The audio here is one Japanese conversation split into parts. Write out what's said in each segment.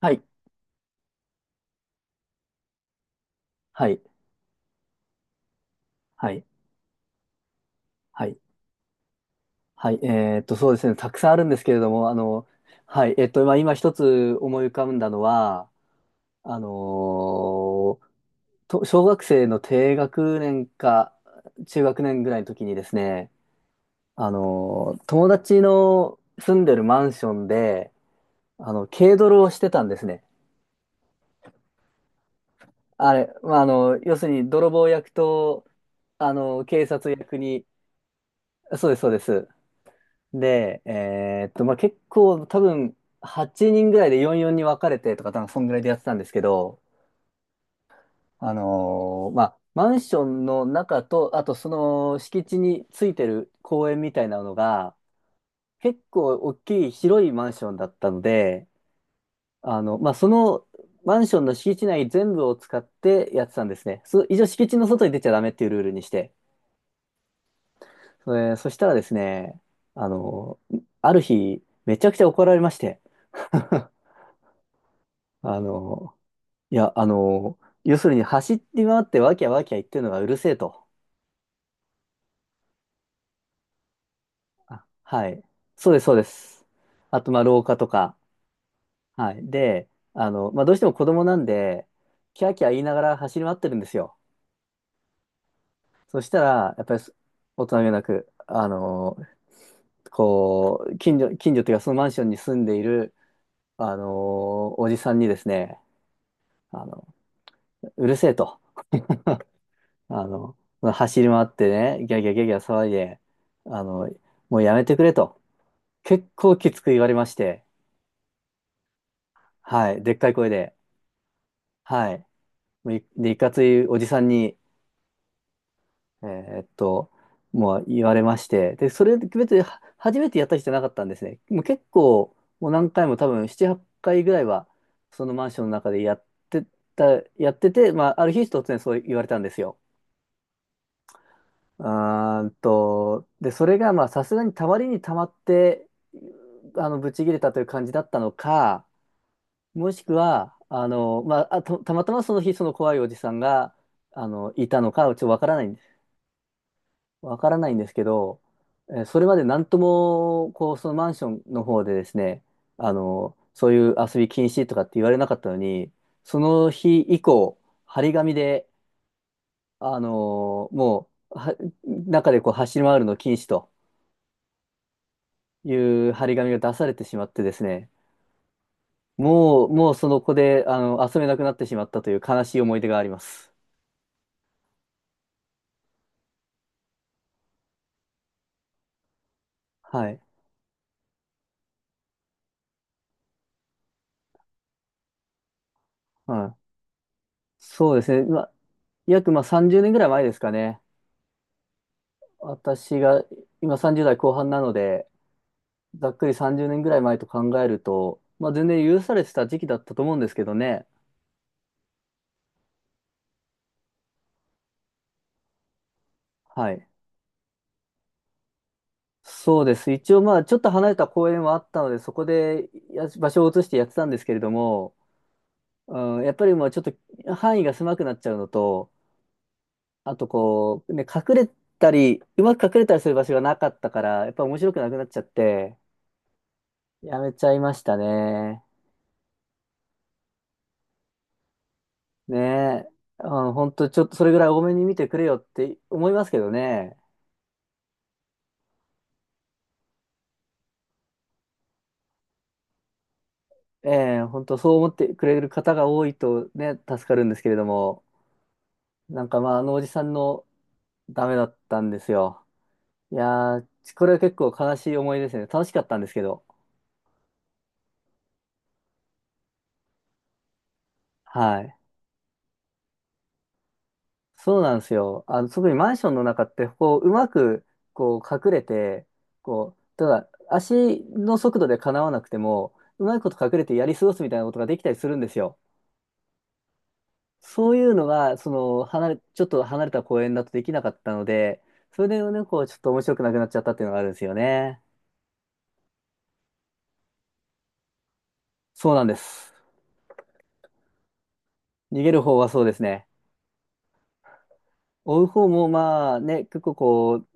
はい、はい、はい、はい、はい、そうですね、たくさんあるんですけれども、はい、まあ、今一つ思い浮かんだのは、あのーと、小学生の低学年か中学年ぐらいの時にですね、友達の住んでるマンションで、軽泥をしてたんですね。あれ、まあ、要するに泥棒役と、警察役に、そうです、そうです。で、まあ、結構多分8人ぐらいで44に分かれてとか、多分そんぐらいでやってたんですけど、まあ、マンションの中と、あとその敷地についてる公園みたいなのが、結構大きい広いマンションだったので、まあ、そのマンションの敷地内全部を使ってやってたんですね。一応敷地の外に出ちゃダメっていうルールにして。そしたらですね、あの、ある日、めちゃくちゃ怒られまして。あの、いや、要するに走り回ってワキゃワキゃ言ってるのがうるせえと。あ、はい。そうです、そうです。あと、まあ、廊下とか。はい。で、まあ、どうしても子供なんで、キャーキャー言いながら走り回ってるんですよ。そしたら、やっぱりそ大人げなく、こう、近所というか、そのマンションに住んでいる、おじさんにですね、あの、うるせえと。あの、走り回ってね、ギャーギャーギャーギャー騒いで、あの、もうやめてくれと、結構きつく言われまして、はい、でっかい声で、はい、もういで、いかついおじさんに、えーっと、もう言われまして、で、それ別には初めてやった人じゃなかったんですね。もう結構、もう何回も多分7、8回ぐらいは、そのマンションの中でやってた、やってて、まあ、ある日突然そう言われたんですよ。あーんと、で、それがまあさすがにたまりにたまって、ぶち切れたという感じだったのか、もしくは、まあ、あと、たまたまその日その怖いおじさんが、いたのか、ちょっとわからないんです。わからないんですけど、それまでなんとも、こう、そのマンションの方でですね、そういう遊び禁止とかって言われなかったのに、その日以降、張り紙で、あの、もう、は中でこう走り回るの禁止と。いう張り紙が出されてしまってですね、もうその子で、遊べなくなってしまったという悲しい思い出があります。はい。はい。そうですね。まあ、約まあ30年ぐらい前ですかね。私が今30代後半なので、ざっくり30年ぐらい前と考えると、まあ全然許されてた時期だったと思うんですけどね。はい。そうです。一応まあちょっと離れた公園はあったので、そこでや場所を移してやってたんですけれども、うん、やっぱりまあちょっと範囲が狭くなっちゃうのと、あとこう、ね、隠れたり、うまく隠れたりする場所がなかったから、やっぱ面白くなくなっちゃって、やめちゃいましたね。ねえ。うん、本当ちょっとそれぐらい多めに見てくれよって思いますけどね。ええ、本当そう思ってくれる方が多いとね、助かるんですけれども、なんかまあ、あのおじさんのダメだったんですよ。いやー、これは結構悲しい思い出ですね。楽しかったんですけど。はい。そうなんですよ。特にマンションの中って、こう、うまく、こう、隠れて、こう、ただ、足の速度でかなわなくても、うまいこと隠れてやり過ごすみたいなことができたりするんですよ。そういうのが、ちょっと離れた公園だとできなかったので、それでね、こう、ちょっと面白くなくなっちゃったっていうのがあるんですよね。そうなんです。逃げる方はそうですね。追う方も、まあね、結構こう、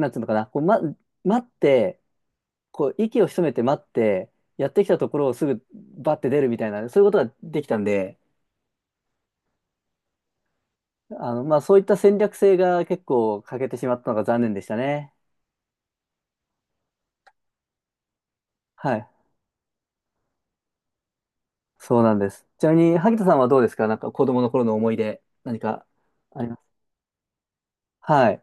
なんていうのかな、こう、待って、息を潜めて待って、やってきたところをすぐバッて出るみたいな、そういうことができたんで、まあ、そういった戦略性が結構欠けてしまったのが残念でしたね。はい。そうなんです。ちなみに、萩田さんはどうですか？なんか子供の頃の思い出、何かあります？はい。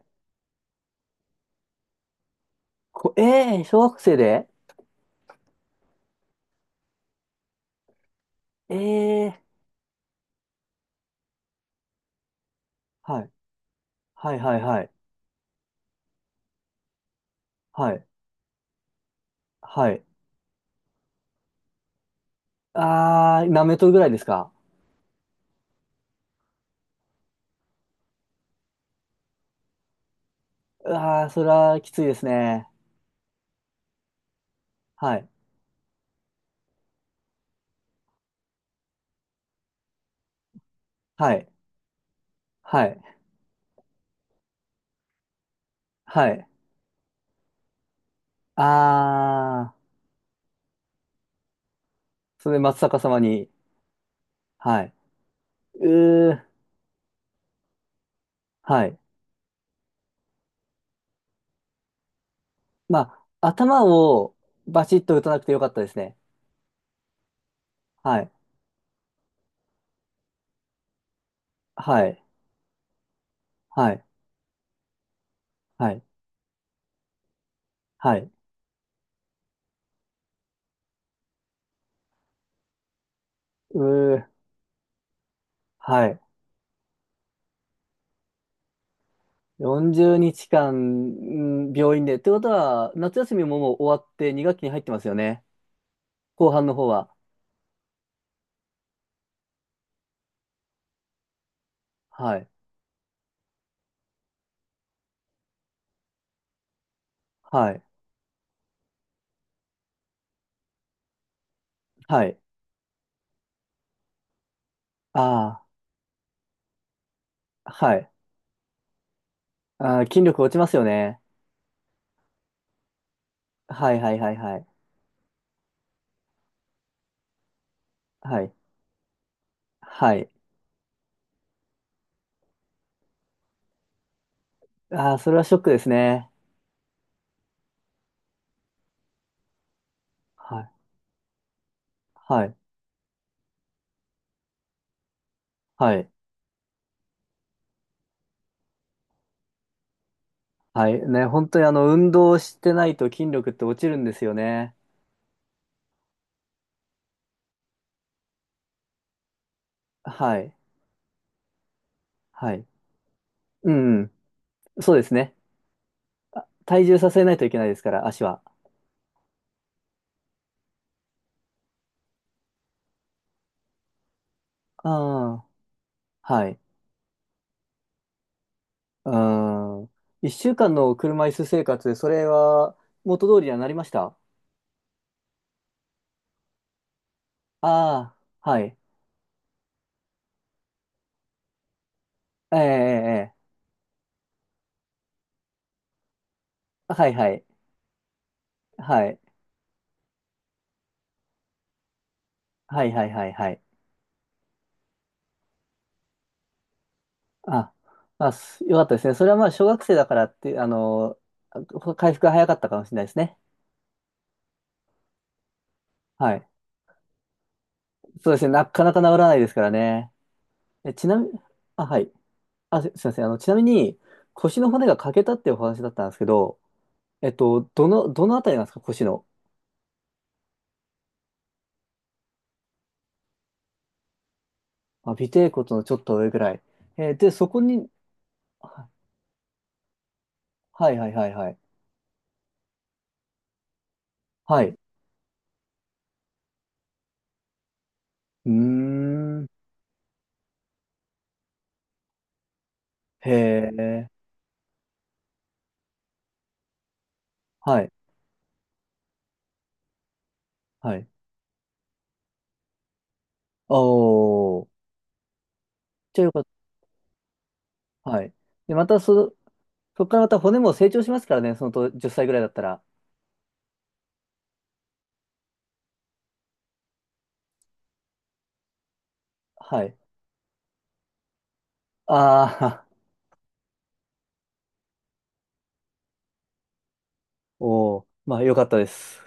こ、えー、小学生でえー、はい。はいはいはい。はい。はい。あー、何メートルぐらいですか？あー、それはきついですね。はい。はい。はい。はい。あー。それで松坂様に、はい。うー、はい。まあ、頭をバチッと打たなくてよかったですね。はい。はい。はい。はい。はい。うー、はい。40日間、うん、病院で。ってことは、夏休みももう終わって2学期に入ってますよね。後半の方は。はい。はい。はい。ああ、はい。ああ、筋力落ちますよね。はいはいはいはい。はい。はい。ああ、それはショックですね。はい。はい。はい。はい。ね、本当に運動してないと筋力って落ちるんですよね。はい。はい。うん、うん。そうですね。体重させないといけないですから、足は。ああ、はい。うん。一週間の車椅子生活、それは元通りにはなりました？ああ、はい。ええ、ええ、ええ、はい、はい。はい。はい、はい、はい、はい。あ、よかったですね。それはまあ、小学生だからって、回復が早かったかもしれないですね。はい。そうですね、なかなか治らないですからね。ちなみに、あ、はい。あ、すいません。ちなみに、腰の骨が欠けたっていうお話だったんですけど、どのあたりなんですか、腰の。あ、尾てい骨のちょっと上ぐらい。で、そこに、ははいはいはいはい。はい。うーん。へえ。はい。はい。おー。じゃあよかった。はい。で、またそこからまた骨も成長しますからね、そのと10歳ぐらいだったら。はい。ああ、おー。まあよかったです。